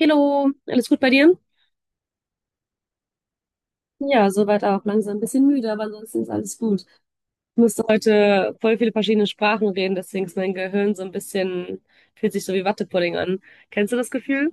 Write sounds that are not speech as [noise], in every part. Hallo, alles gut bei dir? Ja, soweit auch. Langsam ein bisschen müde, aber ansonsten ist alles gut. Ich musste heute voll viele verschiedene Sprachen reden, deswegen ist mein Gehirn so ein bisschen, fühlt sich so wie Wattepudding an. Kennst du das Gefühl?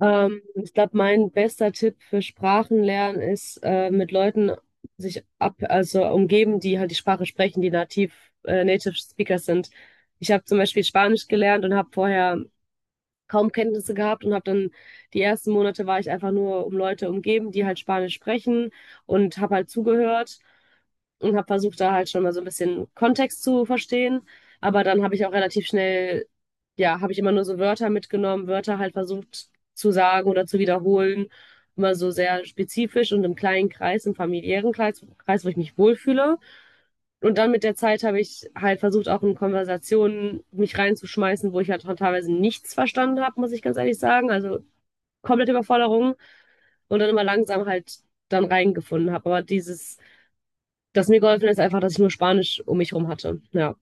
Ich glaube, mein bester Tipp für Sprachenlernen ist, mit Leuten sich ab, also umgeben, die halt die Sprache sprechen, die nativ, Native Speakers sind. Ich habe zum Beispiel Spanisch gelernt und habe vorher kaum Kenntnisse gehabt und habe dann die ersten Monate war ich einfach nur um Leute umgeben, die halt Spanisch sprechen und habe halt zugehört und habe versucht, da halt schon mal so ein bisschen Kontext zu verstehen. Aber dann habe ich auch relativ schnell, ja, habe ich immer nur so Wörter mitgenommen, Wörter halt versucht zu sagen oder zu wiederholen. Immer so sehr spezifisch und im kleinen Kreis, im familiären Kreis, Kreis, wo ich mich wohlfühle. Und dann mit der Zeit habe ich halt versucht, auch in Konversationen mich reinzuschmeißen, wo ich halt teilweise nichts verstanden habe, muss ich ganz ehrlich sagen. Also komplette Überforderung und dann immer langsam halt dann reingefunden habe. Aber dieses das mir geholfen hat, ist einfach, dass ich nur Spanisch um mich rum hatte. Ja.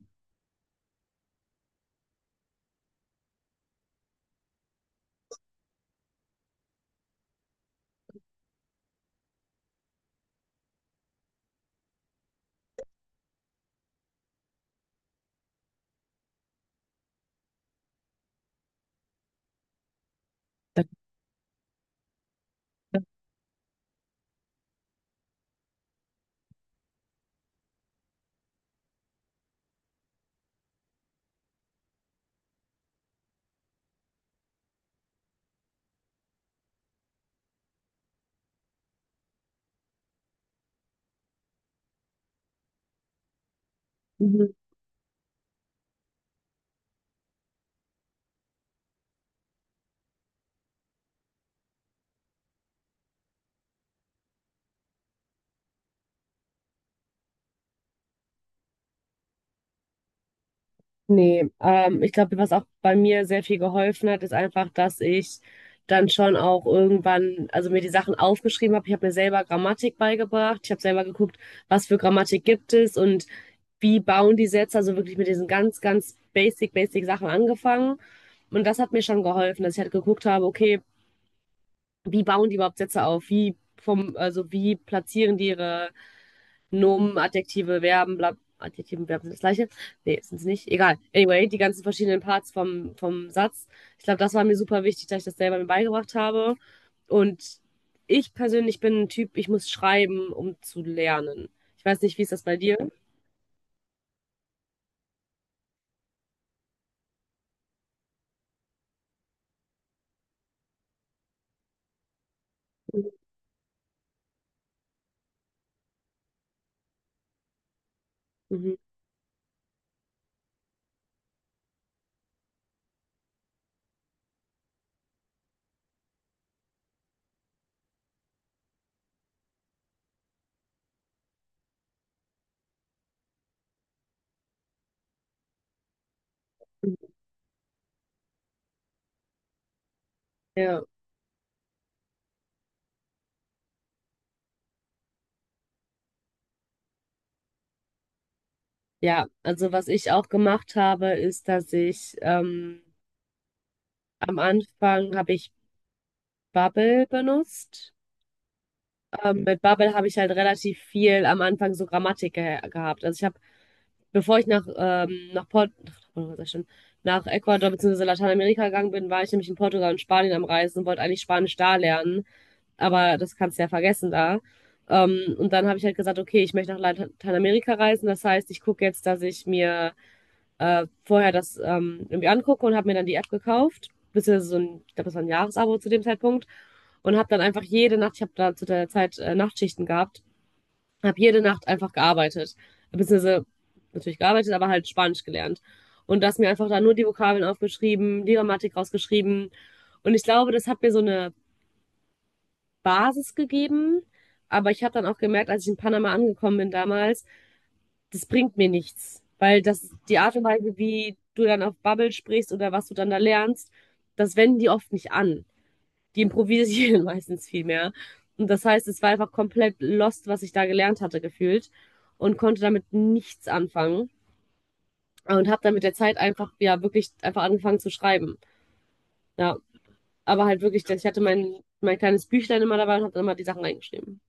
Mhm. Nee, ich glaube, was auch bei mir sehr viel geholfen hat, ist einfach, dass ich dann schon auch irgendwann, also mir die Sachen aufgeschrieben habe. Ich habe mir selber Grammatik beigebracht. Ich habe selber geguckt, was für Grammatik gibt es und wie bauen die Sätze. Also wirklich mit diesen ganz, ganz basic, basic Sachen angefangen. Und das hat mir schon geholfen, dass ich halt geguckt habe, okay, wie bauen die überhaupt Sätze auf? Wie vom, also wie platzieren die ihre Nomen, Adjektive, Verben, bla, Adjektive und Verben sind das gleiche. Nee, sind es nicht. Egal. Anyway, die ganzen verschiedenen Parts vom Satz. Ich glaube, das war mir super wichtig, dass ich das selber mir beigebracht habe. Und ich persönlich bin ein Typ, ich muss schreiben, um zu lernen. Ich weiß nicht, wie ist das bei dir? Mhm. Ja. Ja, also was ich auch gemacht habe, ist, dass ich am Anfang habe ich Babbel benutzt. Mit Babbel habe ich halt relativ viel am Anfang so Grammatik ge gehabt. Also ich habe Bevor ich nach, nach, Port nach, Portugal sag ich schon, nach Ecuador bzw. Lateinamerika gegangen bin, war ich nämlich in Portugal und Spanien am Reisen und wollte eigentlich Spanisch da lernen. Aber das kannst du ja vergessen da. Und dann habe ich halt gesagt, okay, ich möchte nach Lateinamerika reisen. Das heißt, ich gucke jetzt, dass ich mir vorher das irgendwie angucke und habe mir dann die App gekauft. Beziehungsweise so ein, ich glaube, das war ein Jahresabo zu dem Zeitpunkt. Und habe dann einfach jede Nacht, ich habe da zu der Zeit Nachtschichten gehabt, habe jede Nacht einfach gearbeitet. Beziehungsweise natürlich gearbeitet, aber halt Spanisch gelernt. Und das mir einfach da nur die Vokabeln aufgeschrieben, die Grammatik rausgeschrieben. Und ich glaube, das hat mir so eine Basis gegeben. Aber ich habe dann auch gemerkt, als ich in Panama angekommen bin damals, das bringt mir nichts. Weil das die Art und Weise, wie du dann auf Bubble sprichst oder was du dann da lernst, das wenden die oft nicht an die improvisieren [laughs] meistens viel mehr. Und das heißt, es war einfach komplett lost, was ich da gelernt hatte, gefühlt. Und konnte damit nichts anfangen. Und habe dann mit der Zeit einfach, ja, wirklich einfach angefangen zu schreiben. Ja, aber halt wirklich, ich hatte mein kleines Büchlein immer dabei und habe dann immer die Sachen reingeschrieben.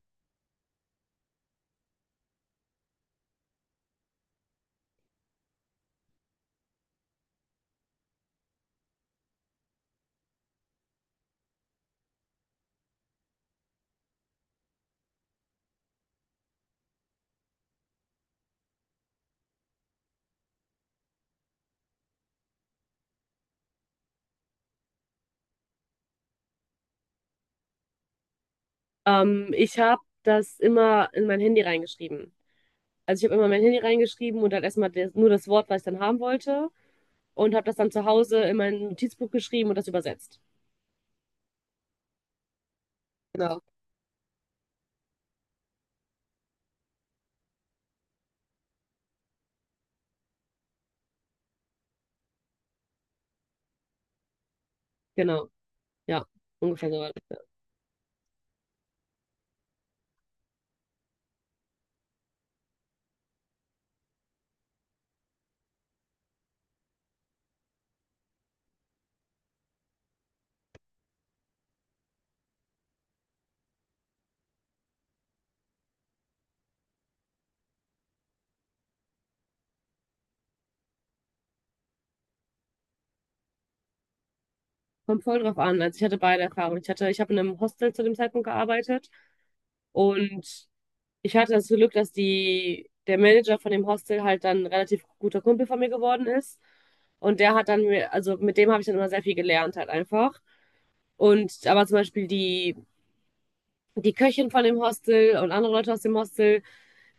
Ich habe das immer in mein Handy reingeschrieben. Also ich habe immer mein Handy reingeschrieben und dann erstmal das, nur das Wort, was ich dann haben wollte. Und habe das dann zu Hause in mein Notizbuch geschrieben und das übersetzt. Genau. Genau, ja, ungefähr so. Kommt voll drauf an. Also ich hatte beide Erfahrungen. Ich hatte, ich habe in einem Hostel zu dem Zeitpunkt gearbeitet und ich hatte das Glück, dass die, der Manager von dem Hostel halt dann ein relativ guter Kumpel von mir geworden ist. Und der hat dann, mir- also mit dem habe ich dann immer sehr viel gelernt halt einfach. Und aber zum Beispiel die, die Köchin von dem Hostel und andere Leute aus dem Hostel,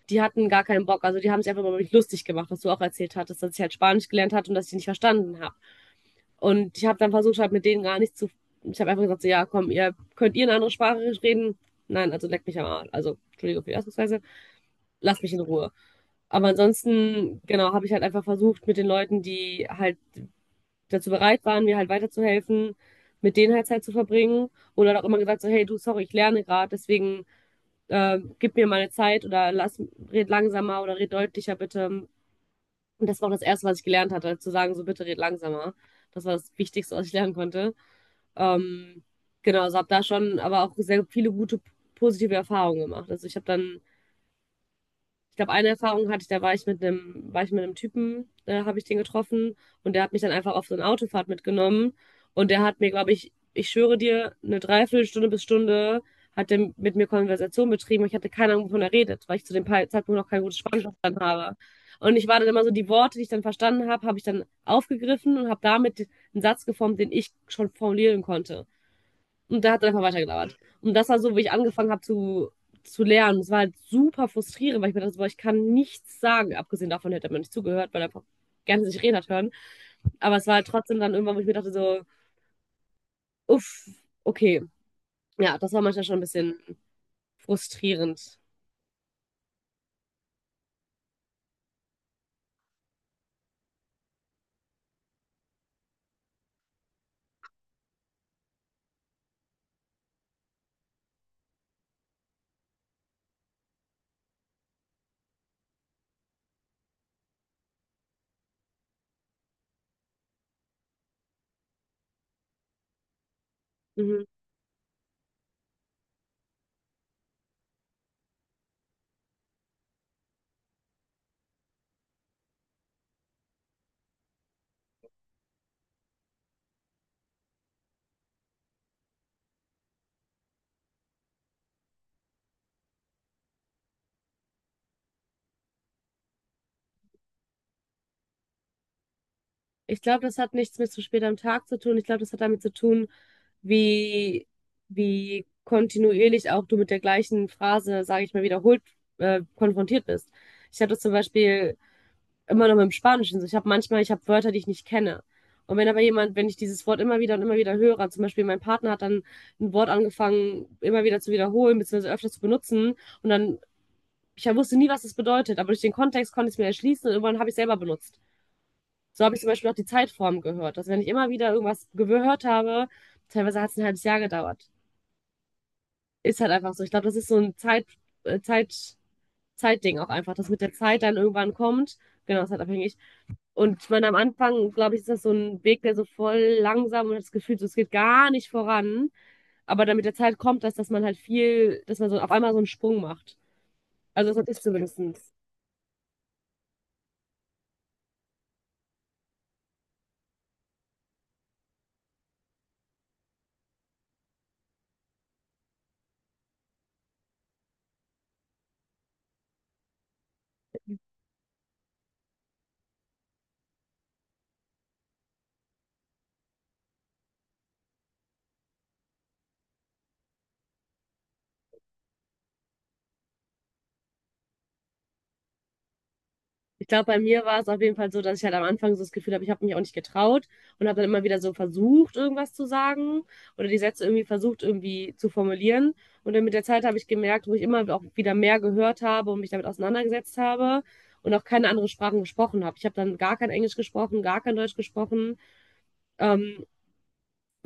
die hatten gar keinen Bock. Also die haben sich einfach mal über mich lustig gemacht, was du auch erzählt hattest, dass ich halt Spanisch gelernt hatte und dass ich nicht verstanden habe. Und ich habe dann versucht, halt mit denen gar nicht zu. Ich habe einfach gesagt, so, ja, komm, ihr könnt ihr eine andere Sprache reden. Nein, also leck mich am Arsch. Also, Entschuldigung für die Ausdrucksweise. Lass mich in Ruhe. Aber ansonsten, genau, habe ich halt einfach versucht, mit den Leuten, die halt dazu bereit waren, mir halt weiterzuhelfen, mit denen halt Zeit zu verbringen. Oder auch immer gesagt, so, hey, du, sorry, ich lerne gerade, deswegen gib mir meine Zeit oder lass, red langsamer oder red deutlicher bitte. Und das war auch das Erste, was ich gelernt hatte, zu sagen, so bitte red langsamer. Das war das Wichtigste, was ich lernen konnte. Ähm, genau, also habe da schon aber auch sehr viele gute positive Erfahrungen gemacht. Also ich habe dann, ich glaube, eine Erfahrung hatte ich, da war ich mit einem Typen, da habe ich den getroffen und der hat mich dann einfach auf so eine Autofahrt mitgenommen und der hat mir, glaube ich, ich schwöre dir, eine Dreiviertelstunde bis Stunde hat der mit mir Konversation betrieben und ich hatte keine Ahnung, wovon er redet, weil ich zu dem Zeitpunkt noch kein gutes Spanisch verstanden habe. Und ich war dann immer so, die Worte, die ich dann verstanden habe, habe ich dann aufgegriffen und habe damit einen Satz geformt, den ich schon formulieren konnte. Und da hat es einfach weitergelabert. Und das war so, wie ich angefangen habe zu lernen. Es war halt super frustrierend, weil ich mir dachte, boah, ich kann nichts sagen. Abgesehen davon hätte man nicht zugehört, weil er einfach gerne sich reden hat hören. Aber es war halt trotzdem dann irgendwann, wo ich mir dachte, so, uff, okay. Ja, das war manchmal schon ein bisschen frustrierend. Mhm. Ich glaube, das hat nichts mit zu spät am Tag zu tun. Ich glaube, das hat damit zu tun, wie, wie kontinuierlich auch du mit der gleichen Phrase, sage ich mal, wiederholt konfrontiert bist. Ich hatte zum Beispiel immer noch mit dem Spanischen. So, ich habe manchmal, ich habe Wörter, die ich nicht kenne. Und wenn aber jemand, wenn ich dieses Wort immer wieder und immer wieder höre, zum Beispiel mein Partner hat dann ein Wort angefangen, immer wieder zu wiederholen, beziehungsweise öfter zu benutzen, und dann, ich wusste nie, was das bedeutet, aber durch den Kontext konnte ich es mir erschließen und irgendwann habe ich es selber benutzt. So habe ich zum Beispiel auch die Zeitform gehört. Dass wenn ich immer wieder irgendwas gehört habe, teilweise hat es ein halbes Jahr gedauert. Ist halt einfach so. Ich glaube, das ist so ein äh, Zeit, Zeitding auch einfach, dass mit der Zeit dann irgendwann kommt. Genau, das ist halt abhängig. Und ich meine, am Anfang, glaube ich, ist das so ein Weg, der so voll langsam und hat das Gefühl, so, es geht gar nicht voran. Aber dann mit der Zeit kommt das, dass man halt viel, dass man so auf einmal so einen Sprung macht. Also das ist zumindestens. Ich glaube, bei mir war es auf jeden Fall so, dass ich halt am Anfang so das Gefühl habe, ich habe mich auch nicht getraut und habe dann immer wieder so versucht, irgendwas zu sagen oder die Sätze irgendwie versucht, irgendwie zu formulieren. Und dann mit der Zeit habe ich gemerkt, wo ich immer auch wieder mehr gehört habe und mich damit auseinandergesetzt habe und auch keine anderen Sprachen gesprochen habe. Ich habe dann gar kein Englisch gesprochen, gar kein Deutsch gesprochen ähm,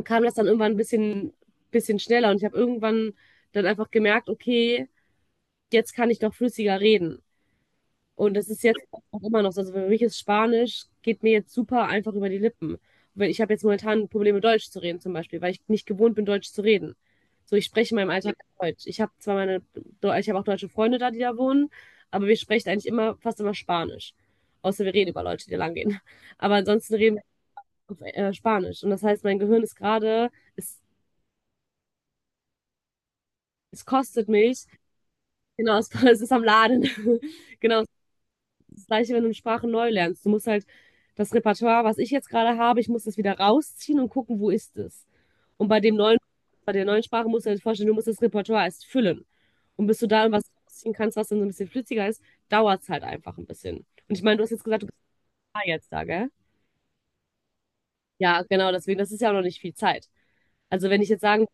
kam das dann irgendwann ein bisschen schneller und ich habe irgendwann dann einfach gemerkt, okay, jetzt kann ich doch flüssiger reden. Und das ist jetzt auch immer noch so. Also für mich ist Spanisch, geht mir jetzt super einfach über die Lippen. Weil ich habe jetzt momentan Probleme, Deutsch zu reden zum Beispiel, weil ich nicht gewohnt bin, Deutsch zu reden. So, ich spreche in meinem Alltag Deutsch. Ich habe zwar meine, ich habe auch deutsche Freunde da, die da wohnen, aber wir sprechen eigentlich immer, fast immer Spanisch. Außer wir reden über Leute, die da lang gehen. [laughs] Aber ansonsten reden wir auf Spanisch. Und das heißt, mein Gehirn ist gerade, ist Es kostet mich. Genau, es [laughs] es ist am Laden. [laughs] Genau, das Gleiche, wenn du eine Sprache neu lernst. Du musst halt das Repertoire, was ich jetzt gerade habe ich muss das wieder rausziehen und gucken, wo ist es? Und bei der neuen Sprache musst du dir halt vorstellen, du musst das Repertoire erst füllen. Und bis du da irgendwas rausziehen kannst, was dann so ein bisschen flüssiger ist, dauert's halt einfach ein bisschen. Und ich meine, du hast jetzt gesagt, du bist da jetzt da, gell? Ja, genau, deswegen, das ist ja auch noch nicht viel Zeit. Also, wenn ich jetzt sagen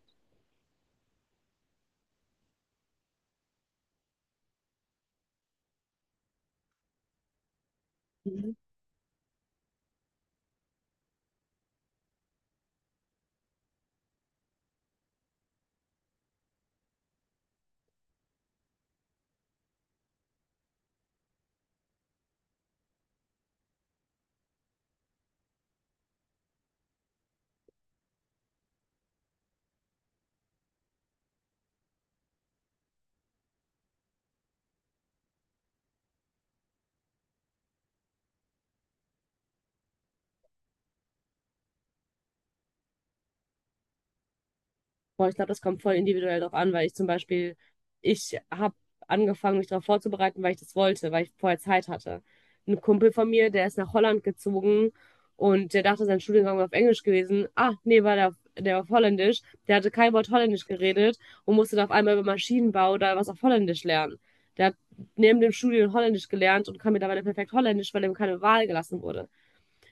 Boah, ich glaube, das kommt voll individuell drauf an, weil ich zum Beispiel, ich habe angefangen, mich darauf vorzubereiten, weil ich das wollte, weil ich vorher Zeit hatte. Ein Kumpel von mir, der ist nach Holland gezogen und der dachte, sein Studiengang wäre auf Englisch gewesen. Ah, nee, der war auf Holländisch. Der hatte kein Wort Holländisch geredet und musste dann auf einmal über Maschinenbau oder was auf Holländisch lernen. Der hat neben dem Studium Holländisch gelernt und kann mittlerweile perfekt Holländisch, weil ihm keine Wahl gelassen wurde.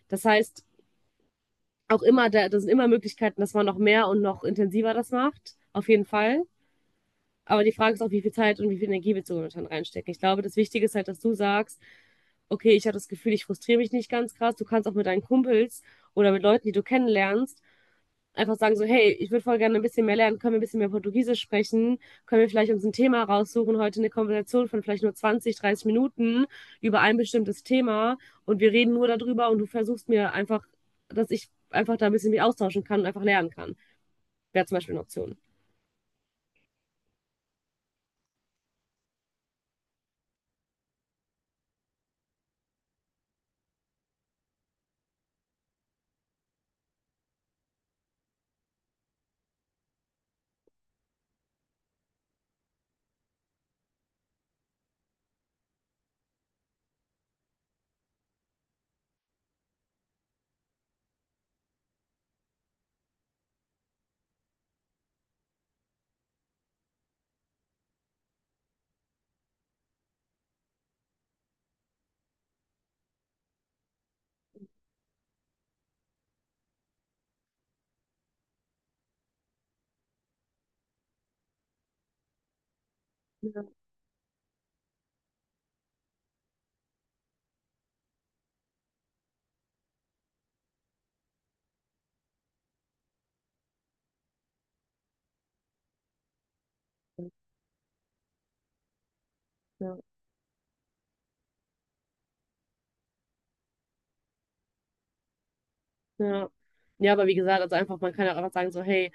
Das heißt, auch immer, da sind immer Möglichkeiten, dass man noch mehr und noch intensiver das macht. Auf jeden Fall. Aber die Frage ist auch, wie viel Zeit und wie viel Energie willst du momentan reinstecken? Ich glaube, das Wichtige ist halt, dass du sagst, okay, ich habe das Gefühl, ich frustriere mich nicht ganz krass. Du kannst auch mit deinen Kumpels oder mit Leuten, die du kennenlernst, einfach sagen so, hey, ich würde voll gerne ein bisschen mehr lernen, können wir ein bisschen mehr Portugiesisch sprechen, können wir vielleicht uns ein Thema raussuchen, heute eine Konversation von vielleicht nur 20, 30 Minuten über ein bestimmtes Thema und wir reden nur darüber und du versuchst mir einfach, dass ich einfach da ein bisschen mich austauschen kann und einfach lernen kann. Wäre zum Beispiel eine Option. Ja, ja. Ja. Ja, aber wie gesagt, also einfach, man kann ja auch einfach sagen, so, hey,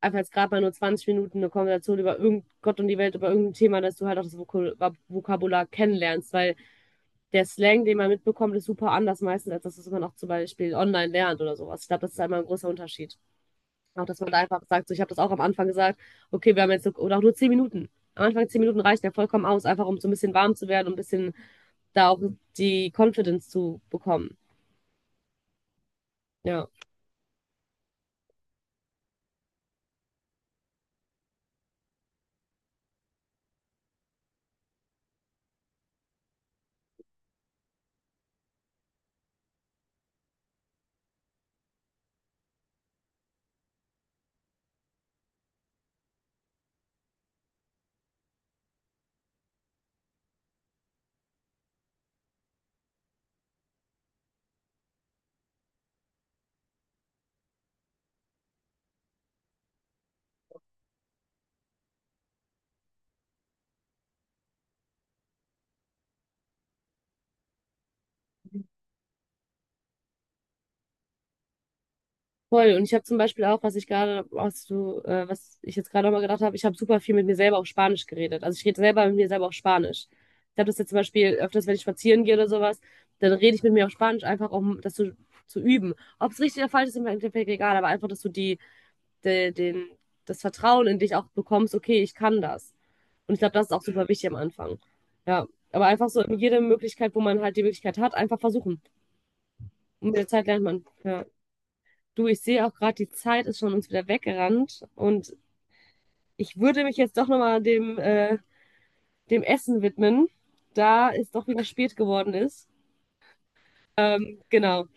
einfach jetzt gerade mal nur 20 Minuten eine Konversation über irgend Gott und die Welt, über irgendein Thema, dass du halt auch das Vokabular kennenlernst, weil der Slang, den man mitbekommt, ist super anders meistens, als das, was man auch zum Beispiel online lernt oder sowas. Ich glaube, das ist einmal ein großer Unterschied. Auch, dass man da einfach sagt, so, ich habe das auch am Anfang gesagt, okay, wir haben jetzt, so- oder auch nur 10 Minuten. Am Anfang 10 Minuten reichen ja vollkommen aus, einfach um so ein bisschen warm zu werden und ein bisschen da auch die Confidence zu bekommen. Ja. Voll. Und ich habe zum Beispiel auch, was ich gerade, was du, was ich jetzt gerade nochmal gedacht habe, ich habe super viel mit mir selber auf Spanisch geredet. Also ich rede selber mit mir selber auf Spanisch. Ich habe das jetzt zum Beispiel öfters, wenn ich spazieren gehe oder sowas, dann rede ich mit mir auf Spanisch einfach, um das zu üben. Ob es richtig oder falsch ist, ist im Endeffekt egal, aber einfach, dass du die, de, den, das Vertrauen in dich auch bekommst, okay, ich kann das. Und ich glaube, das ist auch super wichtig am Anfang. Ja. Aber einfach so in jede Möglichkeit, wo man halt die Möglichkeit hat, einfach versuchen. Und mit der Zeit lernt man. Ja. Du, ich sehe auch gerade, die Zeit ist von uns wieder weggerannt und ich würde mich jetzt doch nochmal dem Essen widmen, da es doch wieder spät geworden ist. Genau,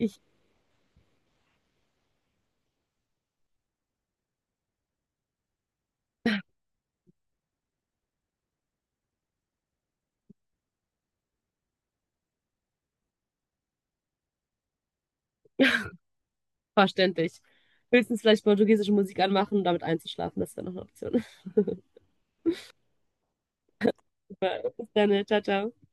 ich verständlich. Höchstens vielleicht portugiesische Musik anmachen, um damit einzuschlafen, das wäre noch eine Option. [laughs] Super. Bis dann, ne? Ciao, ciao.